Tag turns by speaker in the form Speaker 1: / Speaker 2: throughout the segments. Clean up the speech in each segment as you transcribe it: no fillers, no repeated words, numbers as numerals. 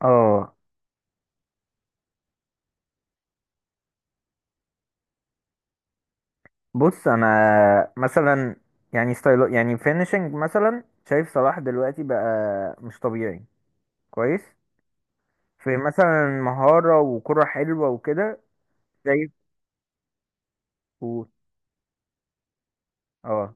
Speaker 1: اه بص، انا مثلا يعني ستايل، يعني فينيشنج مثلا، شايف صلاح دلوقتي بقى مش طبيعي. كويس. في مثلا مهارة وكرة حلوة وكده. شايف و... اه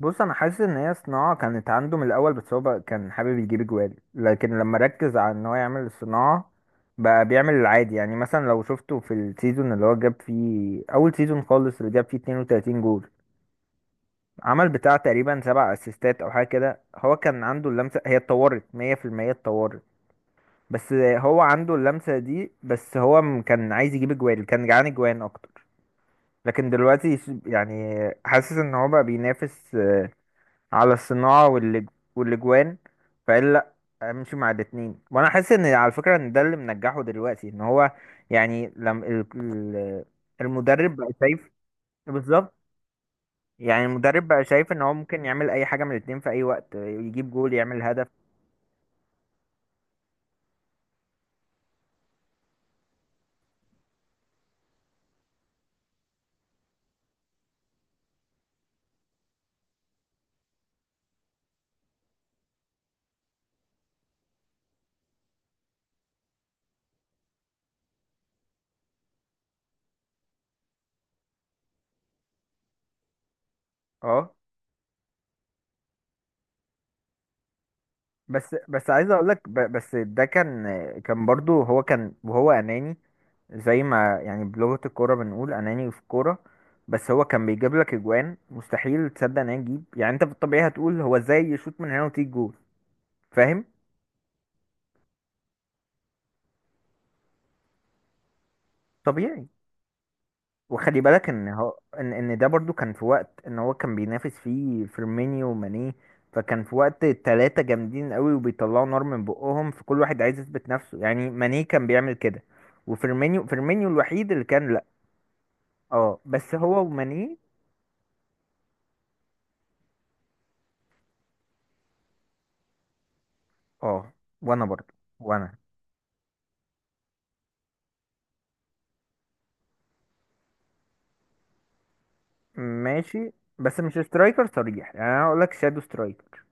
Speaker 1: بص، انا حاسس ان هي صناعة كانت عنده من الاول، بس هو بقى كان حابب يجيب جوال. لكن لما ركز على ان هو يعمل الصناعة بقى بيعمل العادي. يعني مثلا لو شفته في السيزون اللي هو جاب فيه، اول سيزون خالص اللي جاب فيه 32 جول، عمل بتاع تقريبا سبع اسيستات او حاجه كده. هو كان عنده اللمسه، هي اتطورت 100%، اتطورت. بس هو عنده اللمسه دي. بس كان عايز يجيب اجوان، كان جعان اجوان اكتر. لكن دلوقتي يعني حاسس ان هو بقى بينافس على الصناعه والاجوان، فقال لا، امشي مع الاتنين. وانا حاسس ان، على فكره، ان ده اللي منجحه دلوقتي ان هو، يعني لما المدرب بقى شايف. بالظبط. يعني المدرب بقى شايف ان هو ممكن يعمل اي حاجه من الاتنين في اي وقت، يجيب جول، يعمل هدف. اه. بس عايز اقول لك، بس ده كان، كان برضو هو كان، وهو اناني، زي ما يعني بلغه الكوره بنقول اناني في الكوره. بس هو كان بيجيب لك اجوان مستحيل تصدق ان هي تجيب، يعني انت في الطبيعي هتقول هو ازاي يشوط من هنا وتيجي جول؟ فاهم. طبيعي. وخلي بالك ان هو ان ده برضو كان في وقت ان هو كان بينافس فيه فيرمينيو وماني. فكان في وقت تلاتة جامدين قوي وبيطلعوا نار من بقهم، فكل واحد عايز يثبت نفسه. يعني ماني كان بيعمل كده، وفيرمينيو الوحيد اللي كان لا. اه بس هو وماني. اه. وانا برضو. وانا. ماشي. بس مش سترايكر صريح، يعني انا هقول لك شادو سترايكر.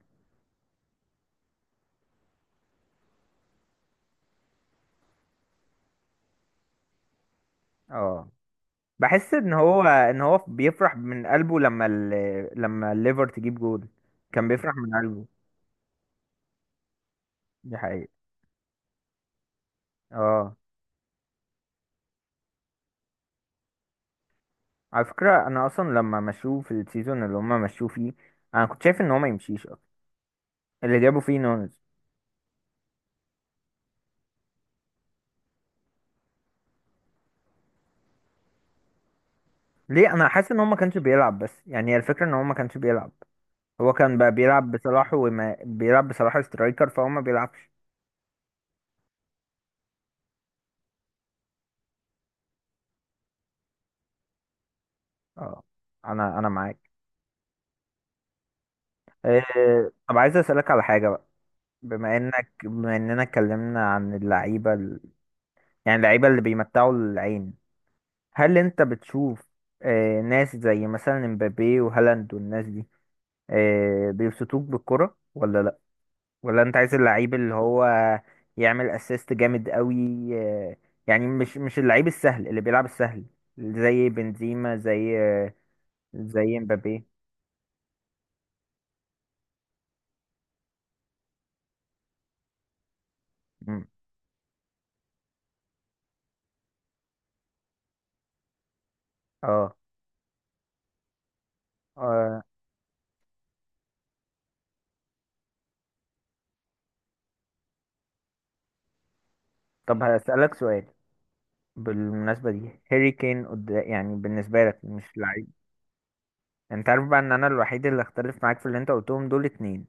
Speaker 1: اه، بحس ان هو بيفرح من قلبه لما لما الليفر تجيب جول. كان بيفرح من قلبه. دي حقيقة. اه. على فكرة انا اصلا لما مشوه في السيزون اللي هما مشوه فيه، انا كنت شايف ان هو ما يمشيش اصلا، اللي جابوا فيه نونز. ليه؟ انا حاسس ان هو ما كانش بيلعب. بس يعني هي الفكرة ان هو ما كانش بيلعب. هو كان بقى بيلعب بصلاح، وما بيلعب بصلاح سترايكر، فهو ما بيلعبش. اه. انا معاك. إيه. طب عايز اسألك على حاجة بقى. بما اننا اتكلمنا عن اللعيبة، يعني اللعيبة اللي بيمتعوا العين، هل انت بتشوف إيه؟ ناس زي مثلا مبابي وهالاند والناس دي، بيبسطوك بالكرة ولا لا؟ ولا انت عايز اللعيب اللي هو يعمل اسيست جامد قوي؟ آه، يعني مش اللعيب السهل اللي بيلعب السهل، زي بنزيما، زي زي مبابي. مم. اه، آه، طب هسألك سؤال. بالمناسبة دي هاري كين، يعني بالنسبة لك مش لعيب؟ انت عارف بقى ان انا الوحيد اللي اختلف معاك في اللي انت قلتهم دول اتنين.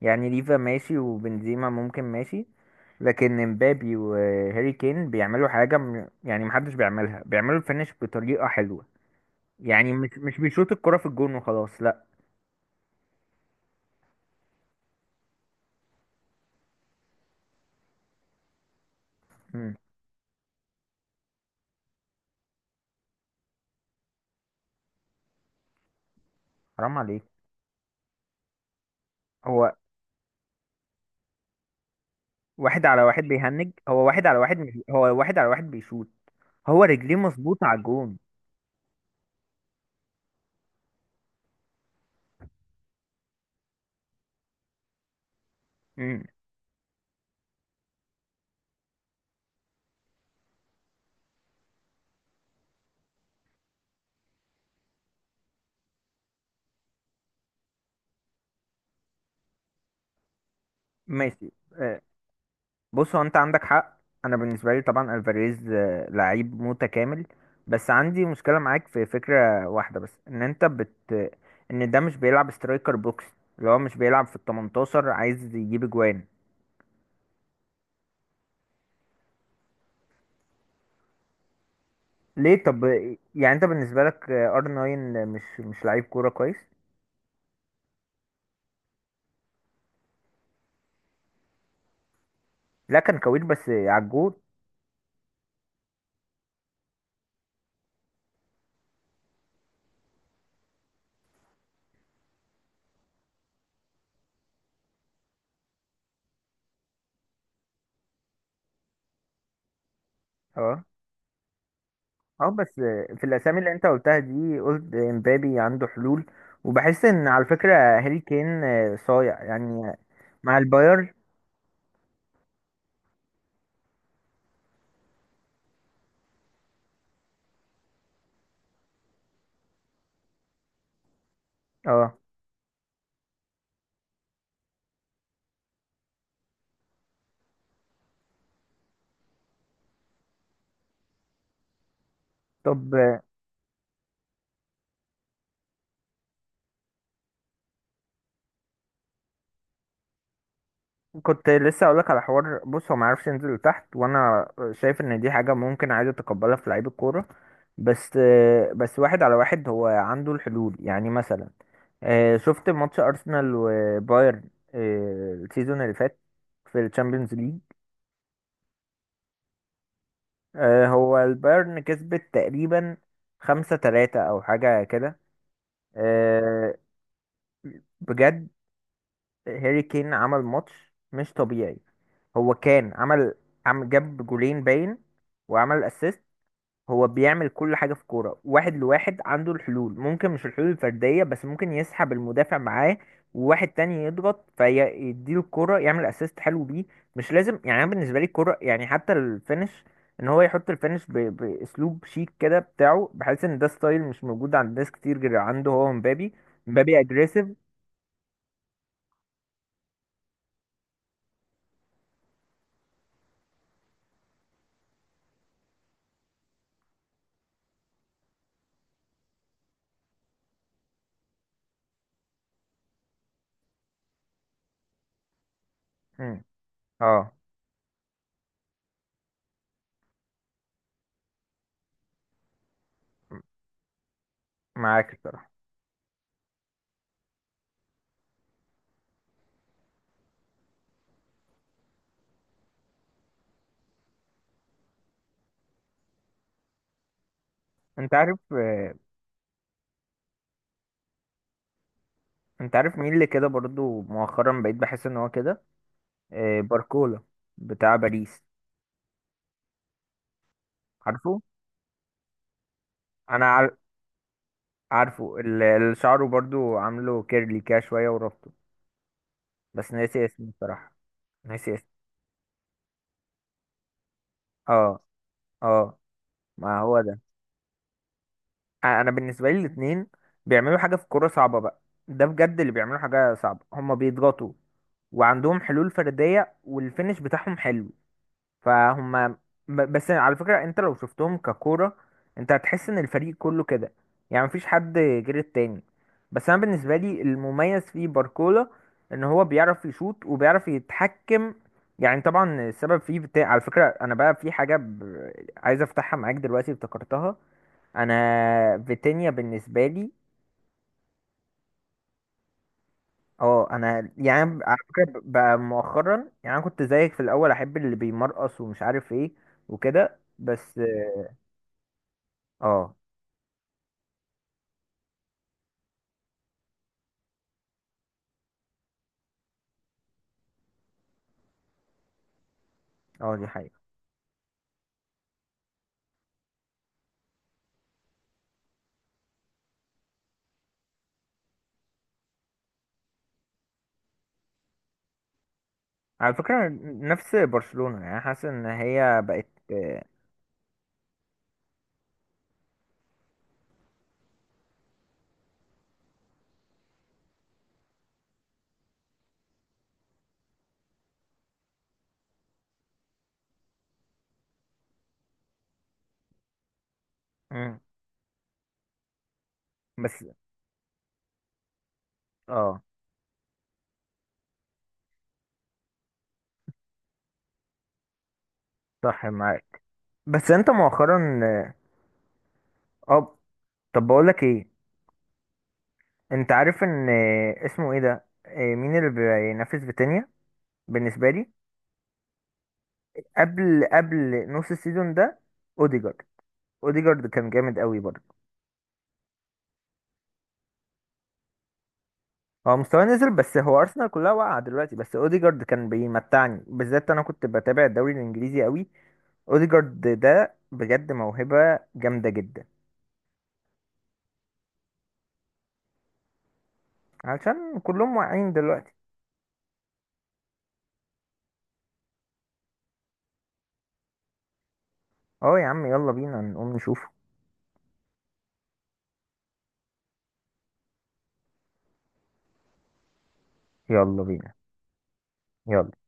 Speaker 1: يعني ليفا ماشي، وبنزيما ممكن ماشي، لكن مبابي وهاري كين بيعملوا حاجة يعني محدش بيعملها، بيعملوا الفينش بطريقة حلوة. يعني مش بيشوط الكرة في الجون وخلاص، لا. مم. حرام عليك. هو واحد على واحد بيهنج. هو واحد على واحد، مش هو واحد على واحد بيشوط، هو رجليه مظبوطة على الجون. مم. ماشي. بص، هو انت عندك حق. انا بالنسبه لي طبعا الفاريز لعيب متكامل. بس عندي مشكله معاك في فكره واحده بس، ان انت بت ان ده مش بيلعب سترايكر بوكس، اللي هو مش بيلعب في ال 18، عايز يجيب اجوان. ليه طب؟ يعني انت بالنسبه لك R9 مش لعيب كوره كويس؟ لا، كان كوير بس على الجول. اه اه. بس في الاسامي اللي انت قلتها دي، قلت امبابي عنده حلول، وبحس ان، على فكره، هاري كين صايع يعني، مع الباير. اه. طب كنت لسه اقولك على حوار. بص، هو ما عرفش ينزل لتحت، وانا شايف ان دي حاجه ممكن عادي اتقبلها في لعيب الكوره. بس بس واحد على واحد هو عنده الحلول. يعني مثلا شفت ماتش ارسنال وبايرن السيزون اللي فات، في الشامبيونز ليج؟ هو البايرن كسبت تقريبا 5-3 او حاجه كده. آه، بجد هاري كين عمل ماتش مش طبيعي. هو كان عمل، جاب جولين باين، وعمل اسيست. هو بيعمل كل حاجة في كورة واحد لواحد، عنده الحلول. ممكن مش الحلول الفردية، بس ممكن يسحب المدافع معاه وواحد تاني يضغط، فيديله الكورة، يعمل اسيست حلو بيه. مش لازم يعني. انا بالنسبة لي الكورة يعني حتى الفينش، ان هو يحط الفينش باسلوب شيك كده بتاعه، بحيث ان ده ستايل مش موجود عند ناس كتير غير عنده هو ومبابي. مبابي اجريسيف. اه، معاك الصراحة. انت عارف، انت عارف مين اللي كده برضو مؤخرا بقيت بحس ان هو كده؟ باركولا، بتاع باريس. عارفه؟ انا عار- عارفه اللي شعره برضو عامله كيرلي كده شوية وربطه، بس ناسي اسمه الصراحة. ناسي اسمه. اه اه. ما هو ده. انا بالنسبة لي الاتنين بيعملوا حاجة في كورة صعبة بقى. ده بجد اللي بيعملوا حاجة صعبة، هما بيضغطوا وعندهم حلول فردية، والفينش بتاعهم حلو. فهم، بس على فكرة انت لو شفتهم ككورة، انت هتحس ان الفريق كله كده، يعني مفيش حد غير التاني. بس انا بالنسبة لي المميز في باركولا، ان هو بيعرف يشوط وبيعرف يتحكم. يعني طبعا السبب فيه بتاع، على فكرة، انا بقى في حاجة عايز افتحها معاك دلوقتي، افتكرتها. انا فيتينيا بالنسبه لي. اه، انا يعني على فكره بقى مؤخرا، يعني انا كنت زيك في الاول، احب اللي بيمرقص ومش عارف ايه وكده بس. اه اه دي حقيقة. على فكرة نفس برشلونة، يعني حاسس ان هي بقت. مم. بس. اه، صح معاك. بس انت مؤخرا، اه، طب بقولك ايه؟ انت عارف ان اسمه ايه ده، مين اللي بينافس فيتينيا بالنسبة لي؟ قبل نص السيزون ده، اوديجارد. اوديجارد كان جامد قوي برضه. هو مستواه نزل، بس هو ارسنال كلها واقعه دلوقتي. بس اوديجارد كان بيمتعني، بالذات انا كنت بتابع الدوري الانجليزي قوي. اوديجارد ده بجد موهبه جامده جدا. علشان كلهم واقعين دلوقتي. اه يا عم، يلا بينا نقوم نشوفه. يلا بينا. يلا.